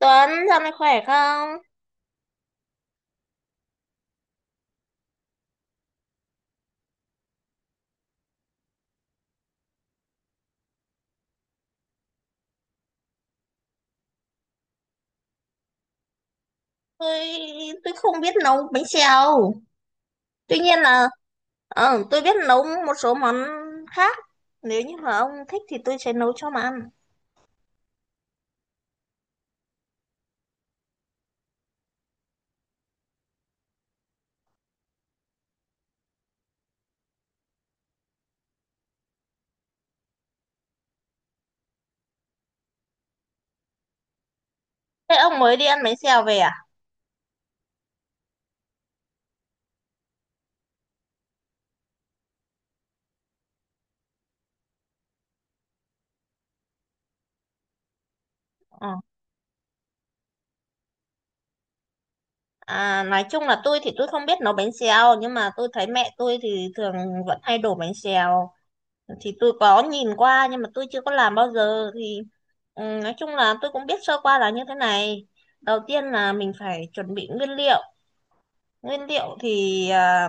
Tuấn, dạo này khỏe không? Tôi tôi không biết nấu bánh xèo. Tuy nhiên là tôi biết nấu một số món khác. Nếu như mà ông thích thì tôi sẽ nấu cho mà ăn. Thế ông mới đi ăn bánh xèo về à? Ờ. À, nói chung là tôi thì tôi không biết nấu bánh xèo, nhưng mà tôi thấy mẹ tôi thì thường vẫn hay đổ bánh xèo, thì tôi có nhìn qua nhưng mà tôi chưa có làm bao giờ, thì nói chung là tôi cũng biết sơ qua là như thế này. Đầu tiên là mình phải chuẩn bị nguyên liệu. Nguyên liệu thì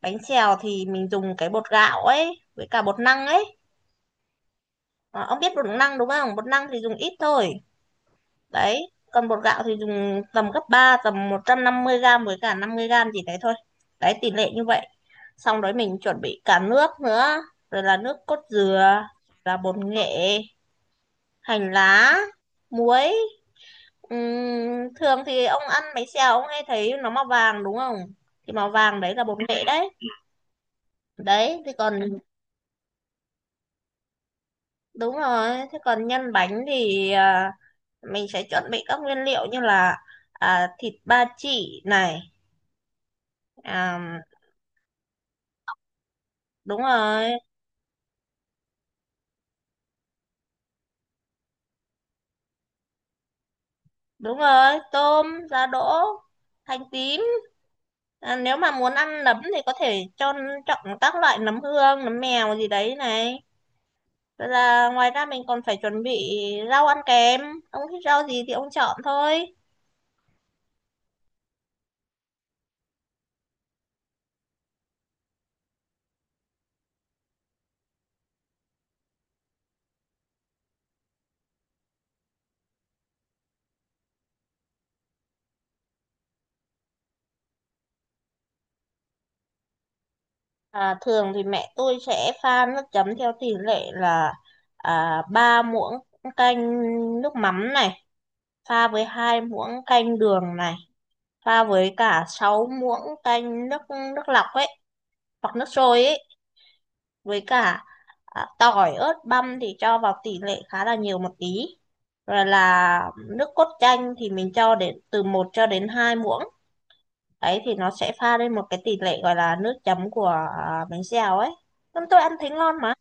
bánh xèo thì mình dùng cái bột gạo ấy với cả bột năng ấy. À, ông biết bột năng đúng không? Bột năng thì dùng ít thôi. Đấy, còn bột gạo thì dùng tầm gấp ba, tầm 150 gram với cả 50 gram gì đấy thôi. Đấy, tỷ lệ như vậy. Xong đấy mình chuẩn bị cả nước nữa, rồi là nước cốt dừa, là bột nghệ, hành lá, muối. Thường thì ông ăn bánh xèo ông hay thấy nó màu vàng đúng không? Thì màu vàng đấy là bột nghệ đấy. Đấy, thì còn. Đúng rồi, thế còn nhân bánh thì mình sẽ chuẩn bị các nguyên liệu như là thịt ba chỉ này, à, đúng rồi, đúng rồi, tôm, giá đỗ, hành tím. À, nếu mà muốn ăn nấm thì có thể cho chọn các loại nấm hương, nấm mèo gì đấy này. Rồi là ngoài ra mình còn phải chuẩn bị rau ăn kèm, ông thích rau gì thì ông chọn thôi. À, thường thì mẹ tôi sẽ pha nước chấm theo tỷ lệ là 3 muỗng canh nước mắm này, pha với 2 muỗng canh đường này, pha với cả 6 muỗng canh nước, lọc ấy, hoặc nước sôi ấy, với cả tỏi, ớt, băm thì cho vào tỷ lệ khá là nhiều một tí. Rồi là nước cốt chanh thì mình cho đến từ 1 cho đến 2 muỗng. Đấy thì nó sẽ pha lên một cái tỷ lệ gọi là nước chấm của bánh xèo ấy. Nên tôi ăn thấy ngon mà.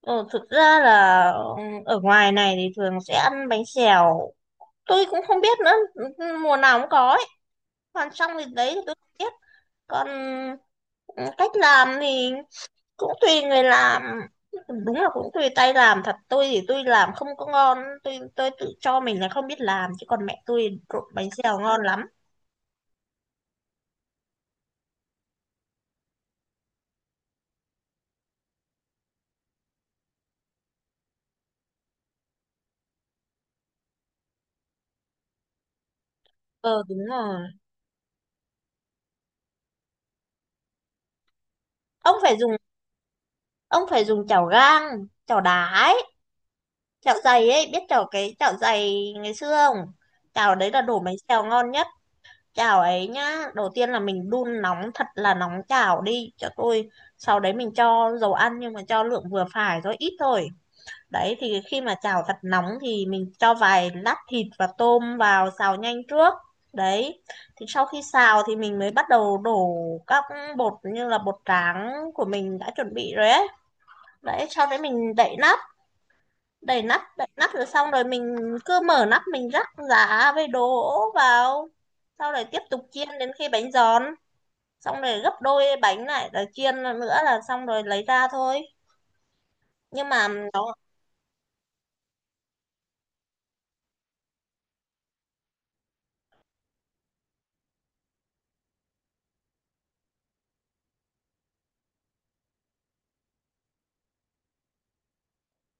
Ờ, thực ra là ở ngoài này thì thường sẽ ăn bánh xèo, tôi cũng không biết nữa, mùa nào cũng có ấy. Còn xong thì đấy thì tôi không biết. Còn ừ, cách làm thì cũng tùy người làm. Đúng là cũng tùy tay làm thật. Tôi thì tôi làm không có ngon, tôi tự cho mình là không biết làm, chứ còn mẹ tôi trộn bánh xèo ngon lắm. Ờ Đúng rồi, ông phải dùng ông phải dùng chảo gang, chảo đá ấy, chảo dày ấy. Biết cái chảo dày ngày xưa không? Chảo đấy là đổ bánh xèo ngon nhất. Chảo ấy nhá, đầu tiên là mình đun nóng thật là nóng chảo đi cho tôi. Sau đấy mình cho dầu ăn, nhưng mà cho lượng vừa phải, rồi ít thôi. Đấy thì khi mà chảo thật nóng thì mình cho vài lát thịt và tôm vào xào nhanh trước. Đấy, thì sau khi xào thì mình mới bắt đầu đổ các bột, như là bột tráng của mình đã chuẩn bị rồi ấy. Đấy, sau đấy mình đậy nắp, đậy nắp, đậy nắp rồi, xong rồi mình cứ mở nắp mình rắc giá với đổ vào. Sau đấy tiếp tục chiên đến khi bánh giòn, xong rồi gấp đôi bánh lại rồi chiên nữa là xong, rồi lấy ra thôi. Nhưng mà nó.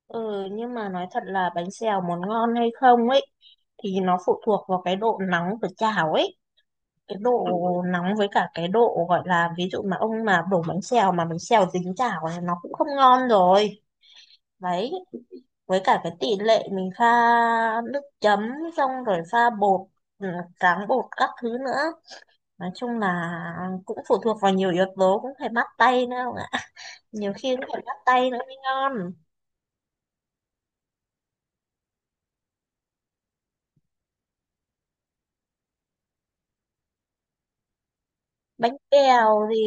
Ừ nhưng mà nói thật là bánh xèo muốn ngon hay không ấy thì nó phụ thuộc vào cái độ nóng của chảo ấy. Cái độ nóng, với cả cái độ gọi là, ví dụ mà ông mà đổ bánh xèo mà bánh xèo dính chảo là nó cũng không ngon rồi. Đấy, với cả cái tỷ lệ mình pha nước chấm, xong rồi pha bột, ừ, tráng bột các thứ nữa. Nói chung là cũng phụ thuộc vào nhiều yếu tố, cũng phải bắt tay nữa ông ạ. Nhiều khi cũng phải bắt tay nữa mới ngon. Bánh bèo thì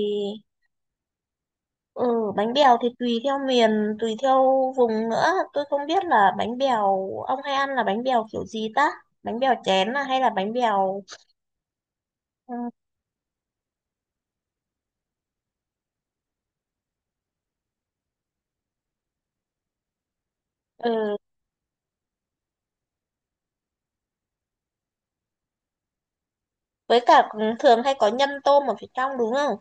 tùy theo miền, tùy theo vùng nữa. Tôi không biết là bánh bèo ông hay ăn là bánh bèo kiểu gì ta? Bánh bèo chén à, hay là bánh bèo? Ừ, ừ, với cả thường hay có nhân tôm ở phía trong đúng không?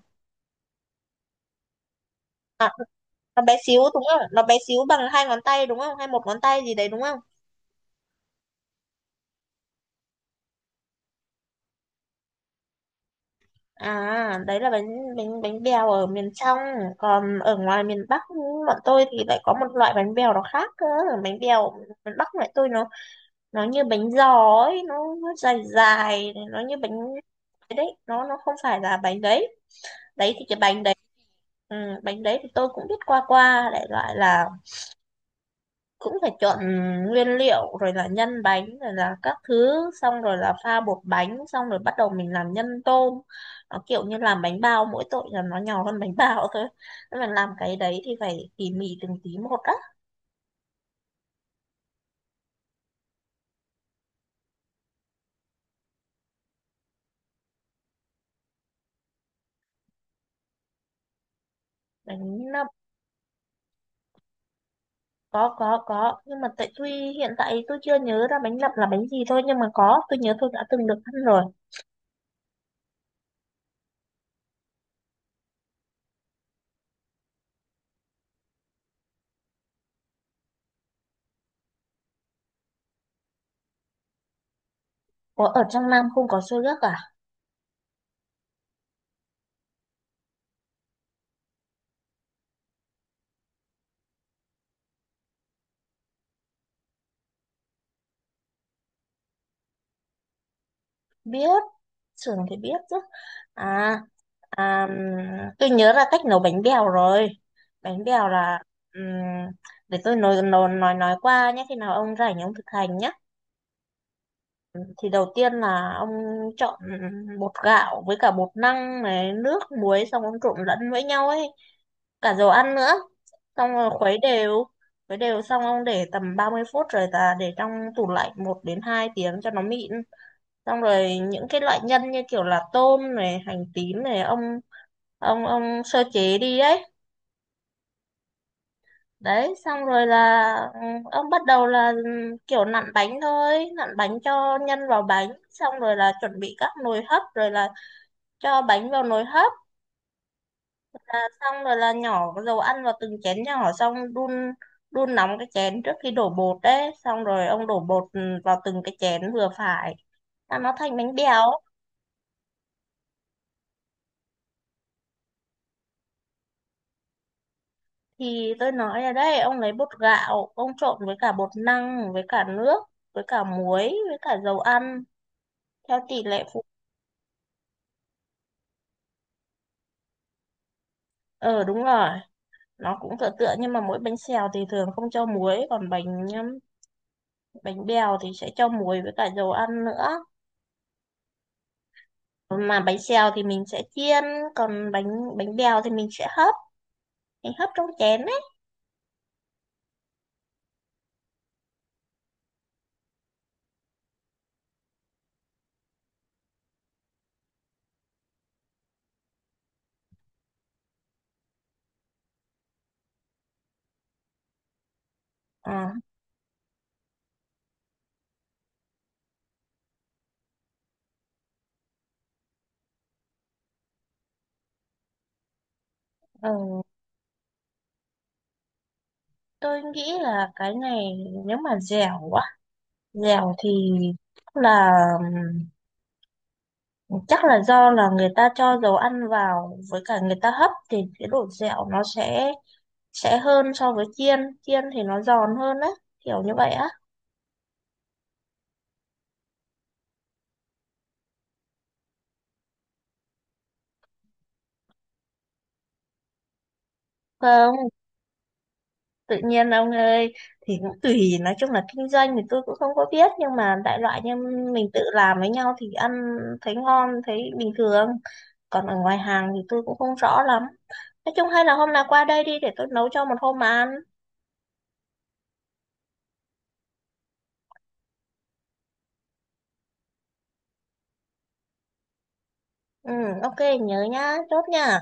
À, nó bé xíu đúng không? Nó bé xíu bằng hai ngón tay đúng không, hay một ngón tay gì đấy đúng không? À, đấy là bánh bánh bánh bèo ở miền trong, còn ở ngoài miền Bắc bọn tôi thì lại có một loại bánh bèo nó khác cơ. Bánh bèo miền Bắc loại tôi, nó như bánh giò ấy, nó, dài dài, nó như bánh cái đấy, nó không phải là bánh đấy. Đấy thì cái bánh đấy, ừ, bánh đấy thì tôi cũng biết qua qua, đại loại là cũng phải chọn nguyên liệu rồi là nhân bánh rồi là các thứ, xong rồi là pha bột bánh, xong rồi bắt đầu mình làm nhân tôm. Nó kiểu như làm bánh bao, mỗi tội là nó nhỏ hơn bánh bao thôi. Nhưng mà làm cái đấy thì phải tỉ mỉ từng tí một á. Bánh nậm? Có, nhưng mà tại tuy hiện tại tôi chưa nhớ ra bánh nậm là bánh gì thôi, nhưng mà có, tôi nhớ tôi đã từng được ăn rồi. Có, ở trong Nam không có xôi gấc à? Biết, sườn thì biết chứ. à, à tôi nhớ là cách nấu bánh bèo rồi. Bánh bèo là, ừm, để tôi nói qua nhé, khi nào ông rảnh ông thực hành nhé. Thì đầu tiên là ông chọn bột gạo với cả bột năng này, nước muối, xong ông trộn lẫn với nhau ấy, cả dầu ăn nữa. Xong rồi khuấy đều, khuấy đều xong ông để tầm 30 phút, rồi ta để trong tủ lạnh 1 đến 2 tiếng cho nó mịn. Xong rồi những cái loại nhân như kiểu là tôm này, hành tím này, ông sơ chế đi ấy. Đấy, xong rồi là ông bắt đầu là kiểu nặn bánh thôi, nặn bánh cho nhân vào bánh, xong rồi là chuẩn bị các nồi hấp, rồi là cho bánh vào nồi hấp. Xong rồi là nhỏ cái dầu ăn vào từng chén nhỏ, xong đun, đun nóng cái chén trước khi đổ bột. Đấy, xong rồi ông đổ bột vào từng cái chén vừa phải, là nó thành bánh bèo. Thì tôi nói ở đây, ông lấy bột gạo, ông trộn với cả bột năng, với cả nước, với cả muối, với cả dầu ăn, theo tỷ lệ phụ. Ờ Đúng rồi, nó cũng tựa tựa, nhưng mà mỗi bánh xèo thì thường không cho muối, còn bánh bánh bèo thì sẽ cho muối với cả dầu ăn nữa. Mà bánh xèo thì mình sẽ chiên, còn bánh bánh bèo thì mình sẽ hấp, mình hấp trong chén ấy. Ờ, ờ, tôi nghĩ là cái này, nếu mà dẻo quá, dẻo thì là um, chắc là do là người ta cho dầu ăn vào, với cả người ta hấp thì cái độ dẻo nó sẽ hơn so với chiên. Chiên thì nó giòn hơn á, kiểu như vậy á. Không, tự nhiên ông ơi. Thì cũng tùy, nói chung là kinh doanh thì tôi cũng không có biết, nhưng mà đại loại như mình tự làm với nhau thì ăn thấy ngon, thấy bình thường. Còn ở ngoài hàng thì tôi cũng không rõ lắm. Nói chung, hay là hôm nào qua đây đi, để tôi nấu cho một hôm mà ăn. Ừ, ok, nhớ nhá, chốt nha.